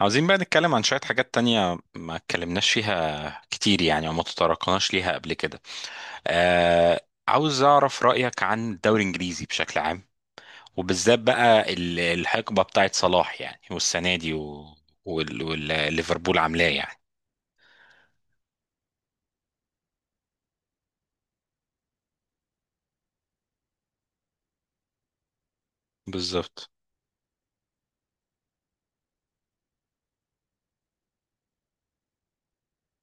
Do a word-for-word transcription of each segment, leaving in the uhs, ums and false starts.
عاوزين بقى نتكلم عن شوية حاجات تانية ما اتكلمناش فيها كتير، يعني، وما تطرقناش ليها قبل كده. آه. عاوز أعرف رأيك عن الدوري الإنجليزي بشكل عام. وبالذات بقى ال- الحقبة بتاعت صلاح، يعني، والسنة دي و- وال- والليفربول عاملاه، يعني. بالظبط.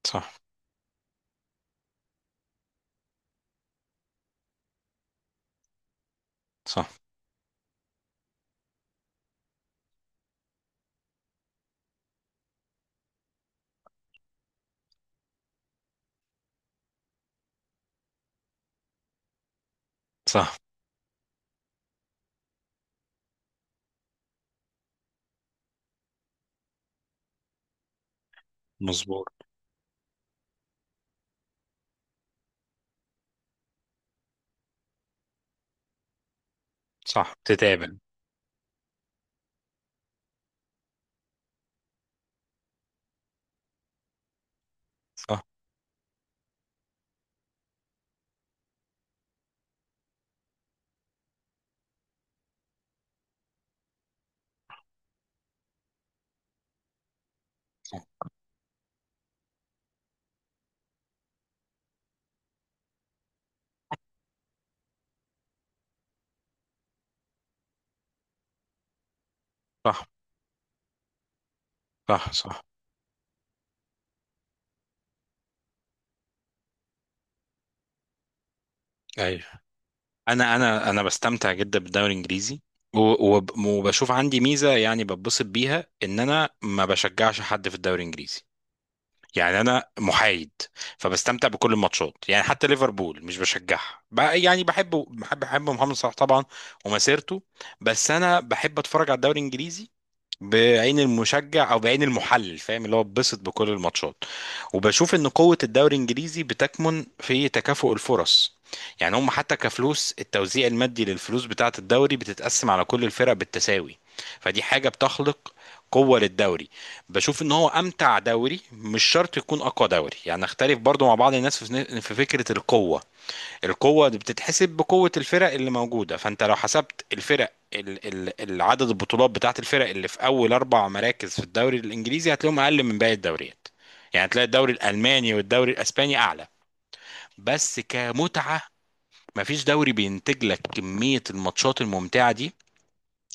صح. صح. صح. مظبوط. صح، تتابع. صح. صح. صح، صح, صح. ايوه. انا انا انا بستمتع جدا بالدوري الانجليزي. و- وب- وبشوف عندي ميزه، يعني بتبسط بيها ان انا ما بشجعش حد في الدوري الانجليزي. يعني انا محايد. فبستمتع بكل الماتشات، يعني حتى ليفربول مش بشجعها بقى. يعني بحب بحب بحب محمد صلاح طبعا ومسيرته. بس انا بحب اتفرج على الدوري الانجليزي بعين المشجع او بعين المحلل، فاهم اللي هو بتبسط بكل الماتشات. وبشوف ان قوة الدوري الانجليزي بتكمن في تكافؤ الفرص. يعني هم حتى كفلوس، التوزيع المادي للفلوس بتاعة الدوري بتتقسم على كل الفرق بالتساوي. فدي حاجة بتخلق قوة للدوري. بشوف ان هو امتع دوري، مش شرط يكون اقوى دوري. يعني اختلف برضو مع بعض الناس في في فكرة القوة. القوة دي بتتحسب بقوة الفرق اللي موجودة. فانت لو حسبت الفرق ال- ال- العدد البطولات بتاعت الفرق اللي في اول اربع مراكز في الدوري الانجليزي هتلاقيهم اقل من باقي الدوريات. يعني تلاقي الدوري الالماني والدوري الاسباني اعلى، بس كمتعة مفيش دوري بينتج لك كمية الماتشات الممتعة دي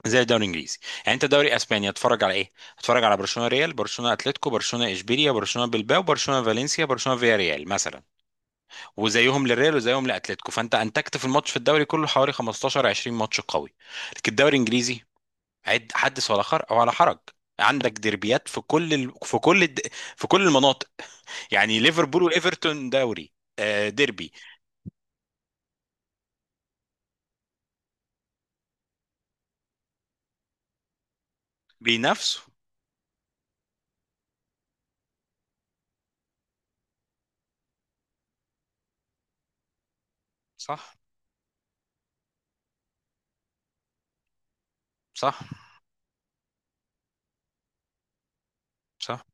زي الدوري الانجليزي. يعني انت دوري اسبانيا اتفرج على ايه؟ اتفرج على برشلونه ريال، برشلونه اتلتيكو، برشلونه اشبيليا، برشلونه بلباو، برشلونه فالنسيا، برشلونه فيا ريال مثلا، وزيهم للريال وزيهم لاتلتيكو. فانت انتجت في الماتش، في الدوري كله حوالي خمستاشر عشرين ماتش قوي. لكن الدوري الانجليزي، عد، حدث ولا خر ولا حرج. عندك ديربيات في كل ال... في كل الد... في كل المناطق. يعني ليفربول وايفرتون دوري، آه، ديربي، بينافسوا. صح. صح. صح.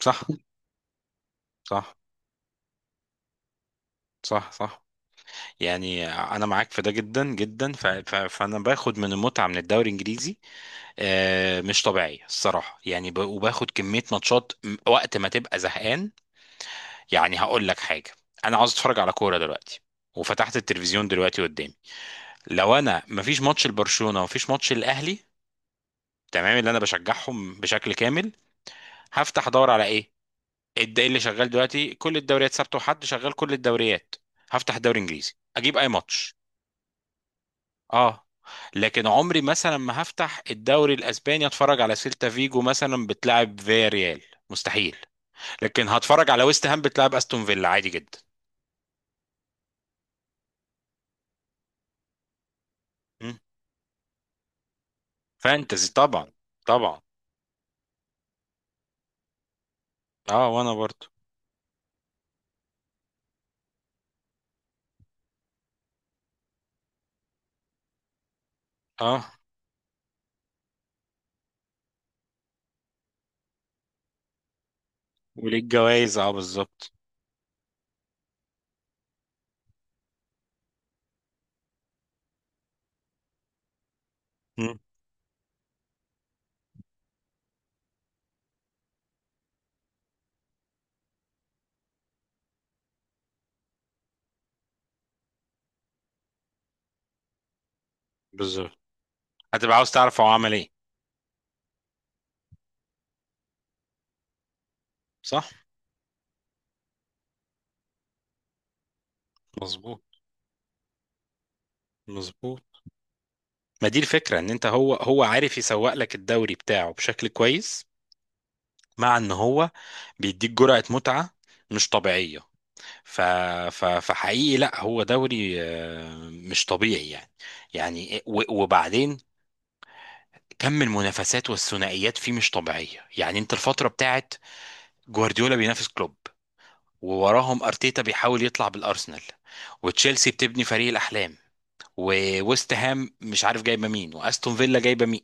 صح. صح. صح. صح. يعني انا معاك في ده جدا جدا. ف... ف... فانا باخد من المتعه من الدوري الانجليزي آه، مش طبيعي الصراحه، يعني ب... وباخد كميه ماتشات م- وقت ما تبقى زهقان. يعني هقول لك حاجه، انا عاوز اتفرج على كوره دلوقتي وفتحت التلفزيون دلوقتي قدامي، لو انا مفيش ماتش لبرشلونه ومفيش ماتش الاهلي، تمام اللي انا بشجعهم بشكل كامل، هفتح ادور على ايه؟ الد- ايه اللي شغال دلوقتي؟ كل الدوريات سبت وحد شغال كل الدوريات. هفتح الدوري الانجليزي اجيب اي ماتش. اه. لكن عمري مثلا ما هفتح الدوري الاسباني اتفرج على سيلتا فيجو مثلا بتلعب فيا ريال، مستحيل. لكن هتفرج على ويست هام بتلعب استون فيلا عادي جدا. مم. فانتزي طبعا. طبعا. اه، وانا برضو. اه، وليه الجوائز، اه بالظبط. مم. بالظبط، هتبقى عاوز تعرف هو عمل ايه. صح. مظبوط. مظبوط. ما دي الفكرة، ان انت هو هو عارف يسوق لك الدوري بتاعه بشكل كويس، مع ان هو بيديك جرعة متعة مش طبيعية. ف... ف... فحقيقي، لا هو دوري آه، مش طبيعي يعني. يعني آه، و... وبعدين كم المنافسات والثنائيات فيه مش طبيعية. يعني انت الفترة بتاعت جوارديولا بينافس كلوب، ووراهم ارتيتا بيحاول يطلع بالارسنال، وتشيلسي بتبني فريق الاحلام، وويست هام مش عارف جايبه مين، واستون فيلا جايبه مين.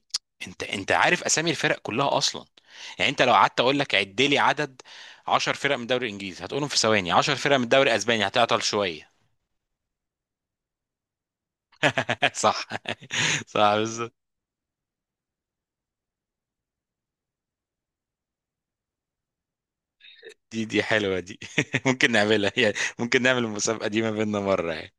انت انت عارف اسامي الفرق كلها اصلا. يعني انت لو قعدت اقول لك عد لي عدد 10 فرق من الدوري الانجليزي هتقولهم في ثواني، 10 فرق من الدوري الاسباني هتعطل شويه. صح. صح، بالظبط. دي دي حلوة دي. ممكن نعملها، يعني ممكن نعمل المسابقة دي ما بيننا مرة، يعني.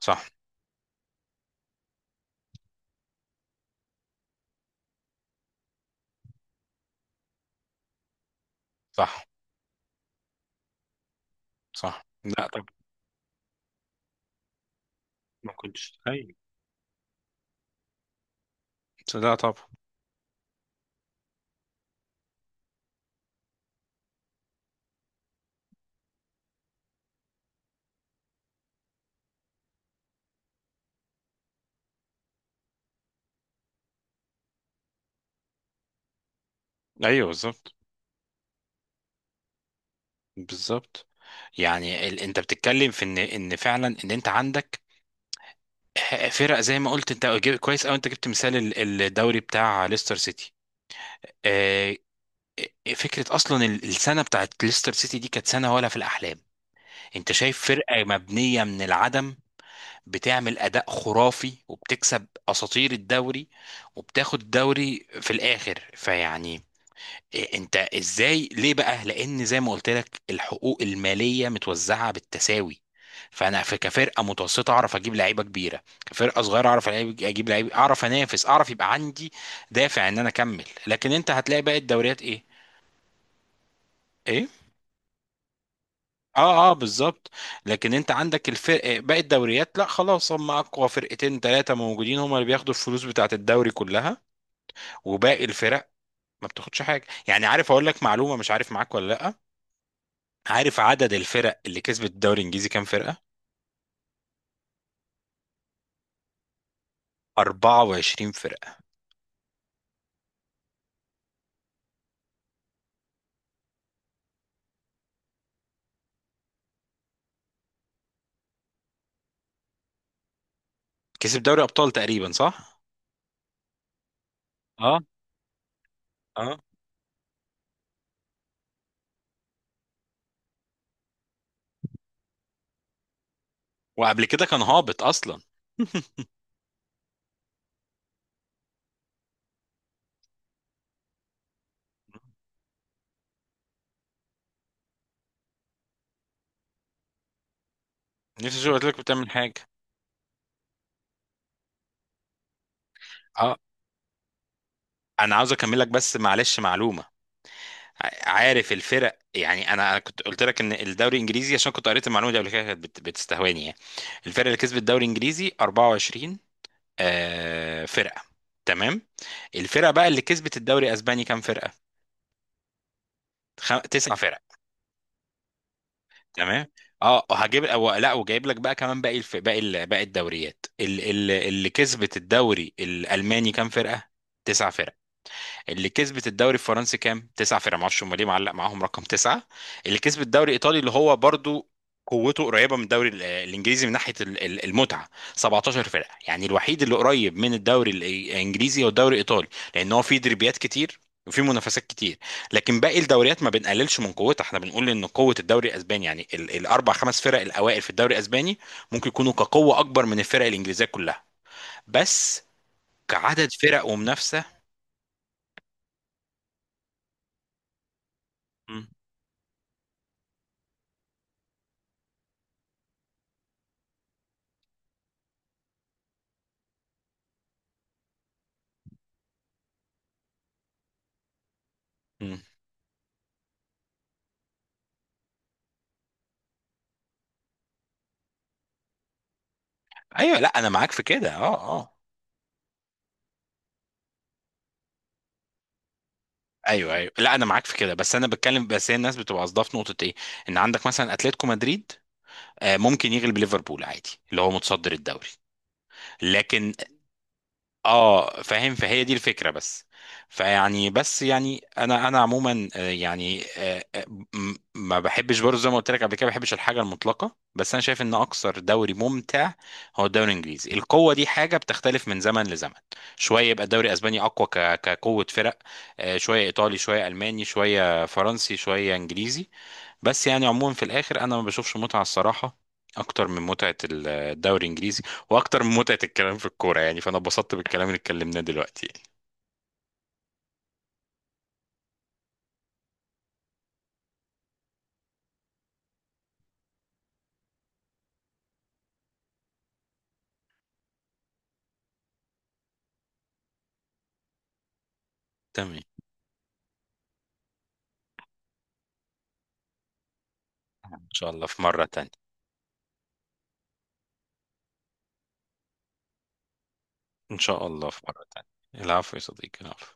صح. صح. صح. لا طب، ما كنتش. ايوه. لا طب. ايوه، بالظبط. بالظبط. يعني، ال... انت بتتكلم في ان ان فعلا ان انت عندك ح- فرق، زي ما قلت انت جب- كويس، او انت جبت مثال ال- الدوري بتاع ليستر سيتي. آه، آه، فكرة، أصلا ال- السنة بتاعت ليستر سيتي دي كانت سنة ولا في الأحلام. أنت شايف فرقة مبنية من العدم بتعمل اداء خرافي وبتكسب اساطير الدوري وبتاخد الدوري في الاخر. فيعني إيه؟ انت ازاي ليه بقى؟ لان زي ما قلت لك الحقوق الماليه متوزعه بالتساوي، فانا في كفرقه متوسطه اعرف اجيب لعيبه كبيره، كفرقه صغيره اعرف ألعب- اجيب لعيبه، اعرف انافس، اعرف يبقى عندي دافع ان انا اكمل. لكن انت هتلاقي باقي الدوريات ايه؟ ايه؟ اه، اه، بالظبط. لكن انت عندك الفرق باقي الدوريات، لا خلاص هم اقوى فرقتين ثلاثه موجودين هم اللي بياخدوا الفلوس بتاعه الدوري كلها، وباقي الفرق ما بتاخدش حاجه. يعني عارف، اقول لك معلومه، مش عارف معاك ولا لا. عارف عدد الفرق اللي كسبت الدوري الانجليزي كام فرقه؟ اربعة وعشرين فرقه. كسب دوري ابطال تقريبا، صح. اه. اه. وقبل كده كان هابط اصلا. نفسي اشوف، قلت لك بتعمل حاجه. اه. انا عاوز اكمل لك بس معلش، معلومه. ع- عارف الفرق، يعني انا انا كنت قلت لك ان الدوري الانجليزي، عشان كنت قريت المعلومه دي قبل كده كانت بت- بتستهواني يعني. الفرق اللي كسبت الدوري الانجليزي اربعة وعشرين آه فرقه. تمام. الفرقه بقى اللي كسبت الدوري الاسباني كام فرقه؟ خم... تسع فرق. تمام. اه، هجيب أو لا وجايب لك بقى كمان باقي الف... باقي ال... باقي الدوريات. ال... ال... اللي كسبت الدوري الالماني كام فرقه؟ تسع فرق. اللي كسبت الدوري الفرنسي كام؟ تسعة فرق، معرفش هم ليه معلق معاهم رقم تسعة. اللي كسب الدوري الإيطالي، اللي هو برضو قوته قريبة من الدوري ال- الإنجليزي من ناحية ال- ال- المتعة، سبعتاشر فرقة. يعني الوحيد اللي قريب من الدوري الإنجليزي هو الدوري الإيطالي، لأن هو فيه دربيات كتير وفي منافسات كتير. لكن باقي الدوريات ما بنقللش من قوتها، احنا بنقول ان قوه الدوري الاسباني يعني ال- الاربع خمس فرق الاوائل في الدوري الاسباني ممكن يكونوا كقوه اكبر من الفرق الانجليزيه كلها، بس كعدد فرق ومنافسه. مم. ايوه، لا انا معاك في كده، اه، اه. ايوه، ايوه، لا انا معاك في كده، بس انا بتكلم، بس هي الناس بتبقى قصدها في نقطه ايه، ان عندك مثلا اتلتيكو مدريد آه، ممكن يغلب ليفربول عادي، اللي هو متصدر الدوري. لكن اه فاهم، فهي دي الفكره بس. فيعني بس يعني انا انا عموما، آه، يعني، آه، آه، م- ما بحبش برضه، زي ما قلت لك قبل كده ما بحبش الحاجه المطلقه، بس انا شايف ان اكثر دوري ممتع هو الدوري الانجليزي. القوه دي حاجه بتختلف من زمن لزمن، شويه يبقى الدوري الاسباني اقوى ك- كقوه فرق، آه، شويه ايطالي، شويه الماني، شويه فرنسي، شويه انجليزي. بس يعني عموما في الاخر انا ما بشوفش متعه الصراحه اكتر من متعه الدوري الانجليزي، واكتر من متعه الكلام في الكوره. يعني فانا اتبسطت بالكلام اللي اتكلمناه دلوقتي. تمام. ان شاء الله في مره تانية. ان شاء الله في مره تانية. العفو يا صديقي، العفو.